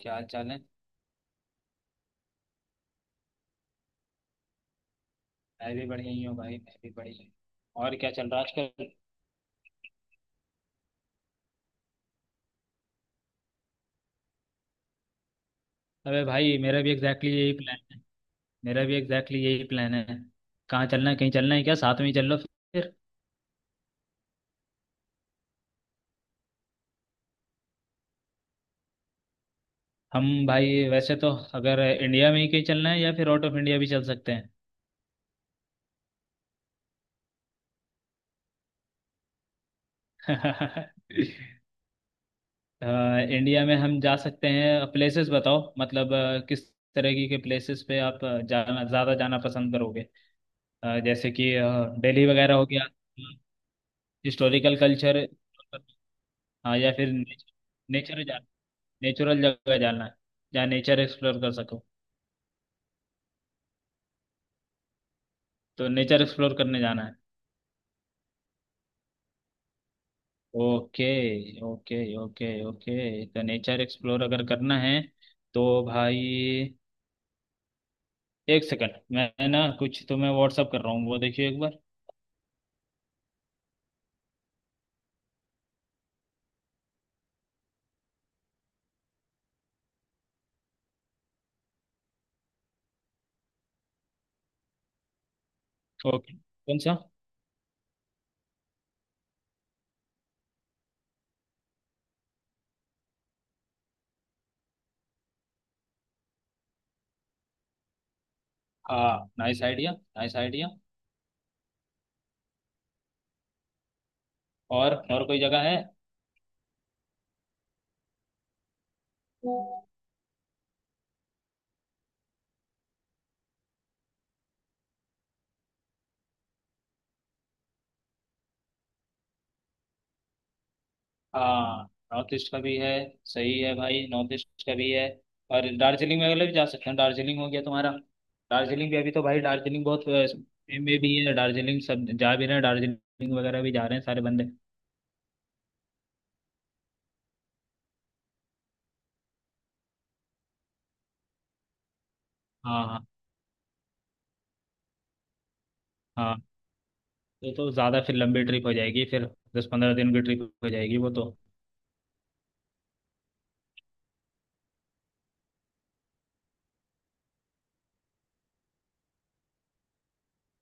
क्या हाल चाल है। मैं भी बढ़िया ही हूँ भाई। मैं भी बढ़िया हूँ। और क्या चल रहा है आजकल। अबे भाई, मेरा भी एग्जैक्टली exactly यही प्लान है। मेरा भी एग्जैक्टली exactly यही प्लान है। कहाँ चलना है? कहीं चलना है क्या? साथ में ही चल लो फिर। हम भाई, वैसे तो अगर इंडिया में ही कहीं चलना है, या फिर आउट ऑफ इंडिया भी चल सकते हैं। अ, इंडिया में हम जा सकते हैं। प्लेसेस बताओ, मतलब किस तरह की के प्लेसेस पे आप जाना ज़्यादा जाना पसंद करोगे। जैसे कि दिल्ली वगैरह हो गया? Historical culture. हाँ, या फिर नेचर जा नेचुरल जगह जाना है? जहाँ नेचर एक्सप्लोर कर सको। तो नेचर एक्सप्लोर करने जाना है। ओके। ओके, ओके, ओके, तो नेचर एक्सप्लोर अगर करना है तो भाई, एक सेकंड, मैं ना कुछ तुम्हें व्हाट्सअप कर रहा हूँ, वो देखिए एक बार। ओके, कौन सा? हाँ, नाइस आइडिया। Nice idea. और कोई जगह है? हाँ, नॉर्थ ईस्ट का भी है। सही है भाई, नॉर्थ ईस्ट का भी है। और दार्जिलिंग वगैरह भी जा सकते हैं। दार्जिलिंग हो गया तुम्हारा? दार्जिलिंग भी अभी तो भाई, दार्जिलिंग बहुत में भी है। दार्जिलिंग सब जा भी रहे हैं, दार्जिलिंग वगैरह भी जा रहे हैं सारे बंदे। हाँ, हाँ, हाँ। ये तो ज़्यादा फिर लंबी ट्रिप हो जाएगी फिर। 10-15 दिन की ट्रिप हो जाएगी वो तो।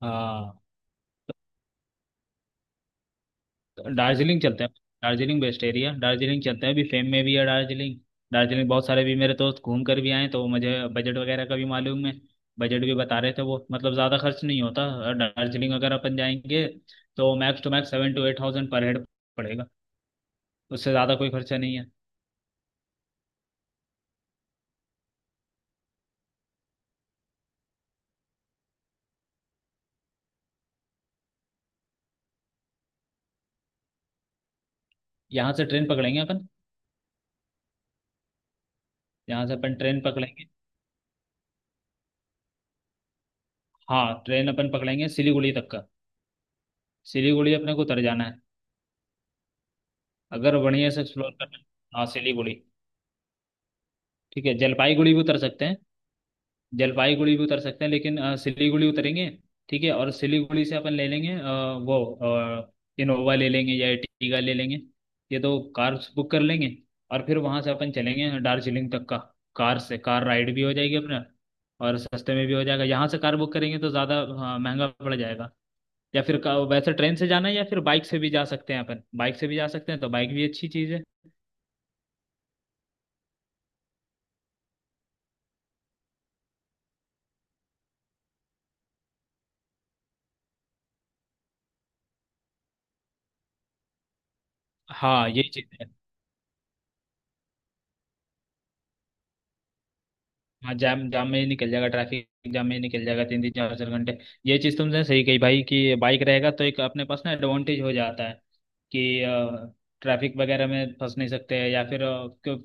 हाँ, दार्जिलिंग चलते हैं। Darjeeling best area. दार्जिलिंग चलते हैं, अभी फेम में भी है दार्जिलिंग। दार्जिलिंग बहुत सारे भी मेरे दोस्त घूम कर भी आए हैं, तो मुझे बजट वगैरह का भी मालूम है। बजट भी बता रहे थे वो, मतलब ज़्यादा खर्च नहीं होता। और दार्जिलिंग अगर अपन जाएंगे तो मैक्स टू मैक्स 7-8,000 पर हेड पड़ेगा। उससे ज़्यादा कोई खर्चा नहीं है। यहाँ से ट्रेन पकड़ेंगे अपन। यहाँ से अपन ट्रेन पकड़ेंगे। हाँ, ट्रेन अपन पकड़ेंगे सिलीगुड़ी तक का। सिलीगुड़ी अपने को उतर जाना है अगर बढ़िया से एक्सप्लोर करना है। हाँ, सिलीगुड़ी। ठीक है, जलपाईगुड़ी भी उतर सकते हैं। जलपाईगुड़ी भी उतर सकते हैं, लेकिन सिलीगुड़ी उतरेंगे। ठीक है। और सिलीगुड़ी से अपन ले लेंगे वो इनोवा ले लेंगे या एर्टिगा ले लेंगे। ये दो कार्स बुक कर लेंगे। और फिर वहां से अपन चलेंगे दार्जिलिंग तक का। कार से कार राइड भी हो जाएगी अपना, और सस्ते में भी हो जाएगा। यहाँ से कार बुक करेंगे तो ज़्यादा महंगा पड़ जाएगा। या फिर वैसे ट्रेन से जाना है, या फिर बाइक से भी जा सकते हैं अपन, बाइक से भी जा सकते हैं, तो बाइक भी अच्छी चीज़ है। हाँ, यही चीज़ है। हाँ, जाम जाम में ही निकल जाएगा ट्रैफिक जाम में ही निकल जाएगा, तीन तीन चार चार घंटे। ये चीज़ तुमने सही कही भाई, कि बाइक रहेगा तो एक अपने पास ना एडवांटेज हो जाता है कि ट्रैफिक वगैरह में फंस नहीं सकते हैं। या फिर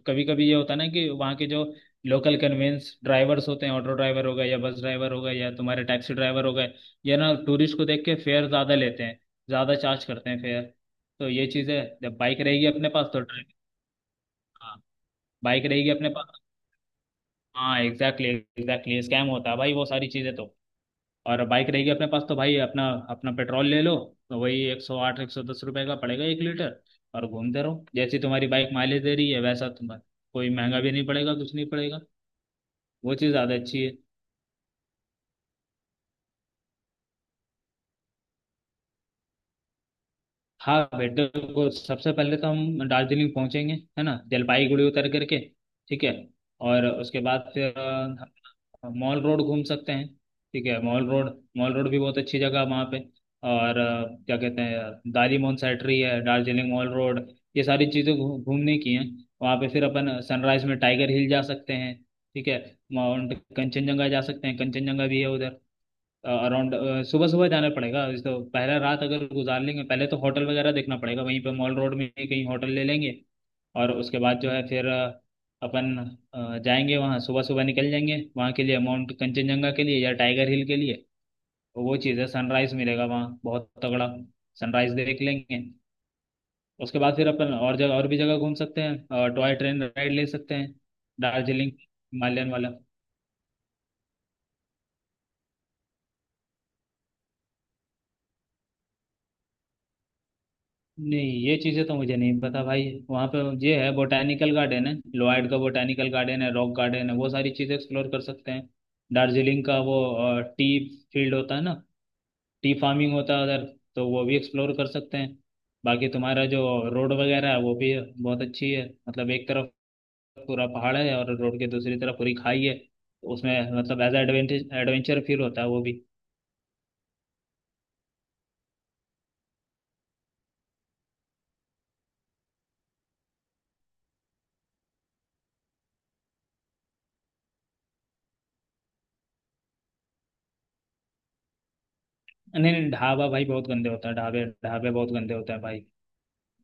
कभी कभी ये होता है ना कि वहाँ के जो लोकल कन्वेंस ड्राइवर्स होते हैं, ऑटो ड्राइवर हो गए, या बस ड्राइवर हो गए, या तुम्हारे टैक्सी ड्राइवर हो गए, ये ना टूरिस्ट को देख के फेयर ज़्यादा लेते हैं, ज़्यादा चार्ज करते हैं फेयर। तो ये चीज़ है, जब बाइक रहेगी अपने पास तो ट्रैफिक। हाँ, बाइक रहेगी अपने पास। हाँ, एग्जैक्टली एग्जैक्टली, स्कैम होता है भाई वो सारी चीज़ें तो। और बाइक रहेगी अपने पास तो भाई अपना अपना पेट्रोल ले लो, तो वही 108-110 रुपये का पड़ेगा 1 लीटर, और घूमते रहो जैसी तुम्हारी बाइक माइलेज दे रही है वैसा तुम्हारा। कोई महंगा भी नहीं पड़ेगा, कुछ नहीं पड़ेगा। वो चीज़ ज़्यादा अच्छी है। हाँ, बेटर को सबसे पहले तो हम दार्जिलिंग पहुंचेंगे, है ना, जलपाईगुड़ी उतर करके। ठीक है। और उसके बाद फिर हम मॉल रोड घूम सकते हैं। ठीक है, मॉल रोड। मॉल रोड भी बहुत अच्छी जगह है वहाँ पे। और क्या कहते हैं, दारी मोन सेट्री है, दार्जिलिंग मॉल रोड, ये सारी चीज़ें घूमने की हैं वहाँ पे। फिर अपन सनराइज में टाइगर हिल जा सकते हैं। ठीक है। माउंट कंचनजंगा जा सकते हैं, कंचनजंगा भी है उधर अराउंड। सुबह सुबह जाना पड़ेगा इस तो। पहला रात अगर गुजार लेंगे पहले, तो होटल वगैरह देखना पड़ेगा, वहीं पे मॉल रोड में ही कहीं होटल ले लेंगे। और उसके बाद जो है फिर अपन जाएंगे वहाँ, सुबह सुबह निकल जाएंगे वहाँ के लिए, माउंट कंचनजंगा के लिए या टाइगर हिल के लिए। वो चीज़ है, सनराइज मिलेगा वहाँ बहुत तगड़ा, सनराइज देख लेंगे। उसके बाद फिर अपन और जगह, और भी जगह घूम सकते हैं। टॉय ट्रेन राइड ले सकते हैं, दार्जिलिंग हिमालयन वाला। नहीं, ये चीज़ें तो मुझे नहीं पता भाई। वहाँ पे ये है बोटैनिकल गार्डन है, लॉयड का बोटैनिकल गार्डन है, रॉक गार्डन है, वो सारी चीज़ें एक्सप्लोर कर सकते हैं। दार्जिलिंग का वो टी फील्ड होता है ना, टी फार्मिंग होता है उधर, तो वो भी एक्सप्लोर कर सकते हैं। बाकी तुम्हारा जो रोड वगैरह है वो भी बहुत अच्छी है, मतलब एक तरफ पूरा पहाड़ है और रोड के दूसरी तरफ पूरी खाई है, तो उसमें मतलब एज एडवेंचर एडवेंचर फील होता है वो भी। नहीं नहीं, ढाबा भाई बहुत गंदे होता है, ढाबे ढाबे बहुत गंदे होते हैं भाई,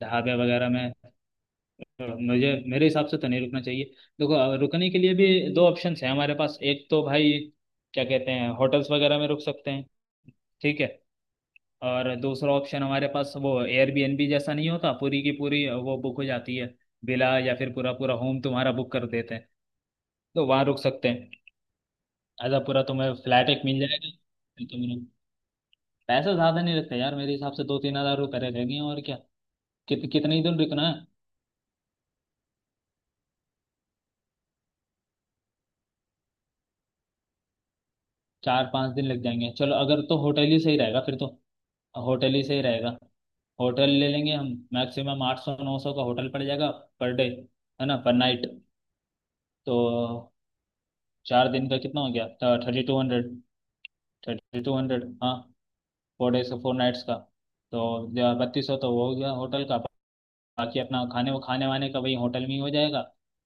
ढाबे वगैरह में, मुझे मेरे हिसाब से तो नहीं रुकना चाहिए। देखो रुकने के लिए भी दो ऑप्शंस हैं हमारे पास। एक तो भाई क्या कहते हैं होटल्स वगैरह में रुक सकते हैं। ठीक है। और दूसरा ऑप्शन हमारे पास वो एयरबीएनबी जैसा, नहीं होता पूरी की पूरी वो बुक हो जाती है, विला या फिर पूरा पूरा होम तुम्हारा बुक कर देते हैं, तो वहाँ रुक सकते हैं। आधा पूरा तुम्हें फ्लैट एक मिल जाएगा, तो तुम्हें पैसा ज़्यादा नहीं लगता यार, मेरे हिसाब से 2-3 हज़ार रुपये रहेंगे और क्या। कितने ही दिन रुकना है। 4-5 दिन लग जाएंगे, चलो अगर तो होटल ही सही रहेगा फिर तो। होटल ही सही रहेगा, होटल ले लेंगे हम। मैक्सिमम 800-900 का होटल पड़ जाएगा पर डे, है ना, पर नाइट। तो 4 दिन का कितना हो गया, 3,200, 3,200। हाँ, 4 days का, 4 nights का। तो 3,200 तो वो हो गया होटल का। बाकी अपना खाने वाने का वही होटल में ही हो जाएगा।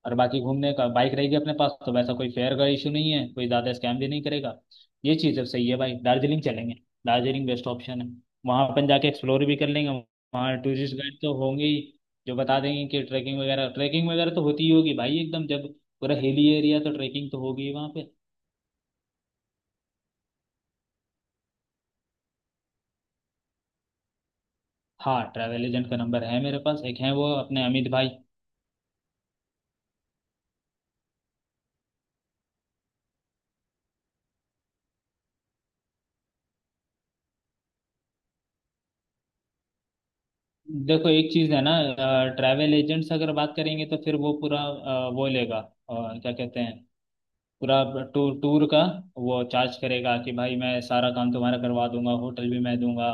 और बाकी घूमने का बाइक रहेगी अपने पास तो वैसा कोई फेयर का इशू नहीं है, कोई ज़्यादा स्कैम भी नहीं करेगा। ये चीज़ अब सही है भाई, दार्जिलिंग चलेंगे। दार्जिलिंग बेस्ट ऑप्शन है, वहाँ अपन जाके एक्सप्लोर भी कर लेंगे। वहाँ टूरिस्ट गाइड तो होंगे ही, जो बता देंगे कि ट्रैकिंग वगैरह, ट्रैकिंग वगैरह तो होती ही होगी भाई, एकदम जब पूरा हिली एरिया, तो ट्रैकिंग तो होगी ही वहाँ पे। हाँ, ट्रैवल एजेंट का नंबर है मेरे पास, एक है, वो अपने अमित भाई। देखो एक चीज है ना, ट्रैवल एजेंट्स अगर बात करेंगे तो फिर वो पूरा वो लेगा क्या कहते हैं, पूरा टूर टूर का वो चार्ज करेगा कि भाई, मैं सारा काम तुम्हारा करवा दूंगा, होटल भी मैं दूंगा,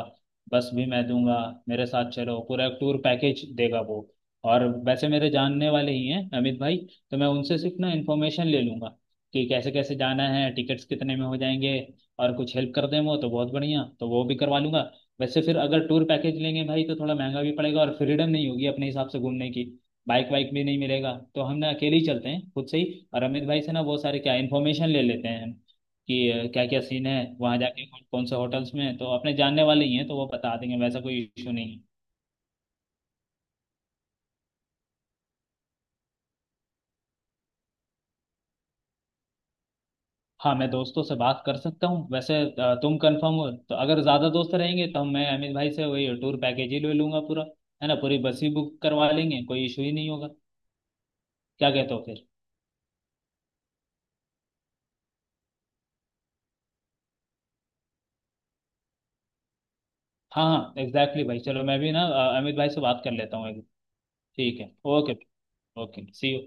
बस भी मैं दूंगा, मेरे साथ चलो, पूरा टूर पैकेज देगा वो। और वैसे मेरे जानने वाले ही हैं अमित भाई, तो मैं उनसे सिर्फ ना इन्फॉर्मेशन ले लूंगा कि कैसे कैसे जाना है, टिकट्स कितने में हो जाएंगे, और कुछ हेल्प कर दें वो तो बहुत बढ़िया, तो वो भी करवा लूंगा। वैसे फिर अगर टूर पैकेज लेंगे भाई तो थोड़ा महंगा भी पड़ेगा, और फ्रीडम नहीं होगी अपने हिसाब से घूमने की, बाइक वाइक भी नहीं मिलेगा, तो हम ना अकेले ही चलते हैं खुद से ही, और अमित भाई से ना बहुत सारे क्या इन्फॉर्मेशन ले लेते हैं हम, कि क्या क्या सीन है वहाँ जाके, कौन कौन से होटल्स में है। तो अपने जानने वाले ही हैं, तो वो बता देंगे, वैसा कोई इशू नहीं है। हाँ, मैं दोस्तों से बात कर सकता हूँ वैसे, तुम कंफर्म हो तो। अगर ज़्यादा दोस्त रहेंगे तो हम, मैं अमित भाई से वही टूर पैकेज ही ले लूंगा पूरा, है ना, पूरी बस ही बुक करवा लेंगे, कोई इशू ही नहीं होगा। क्या कहते हो फिर? हाँ, हाँ, एग्जैक्टली भाई, चलो मैं भी ना अमित भाई से बात कर लेता हूँ एक। ठीक है। ओके। Okay, see you.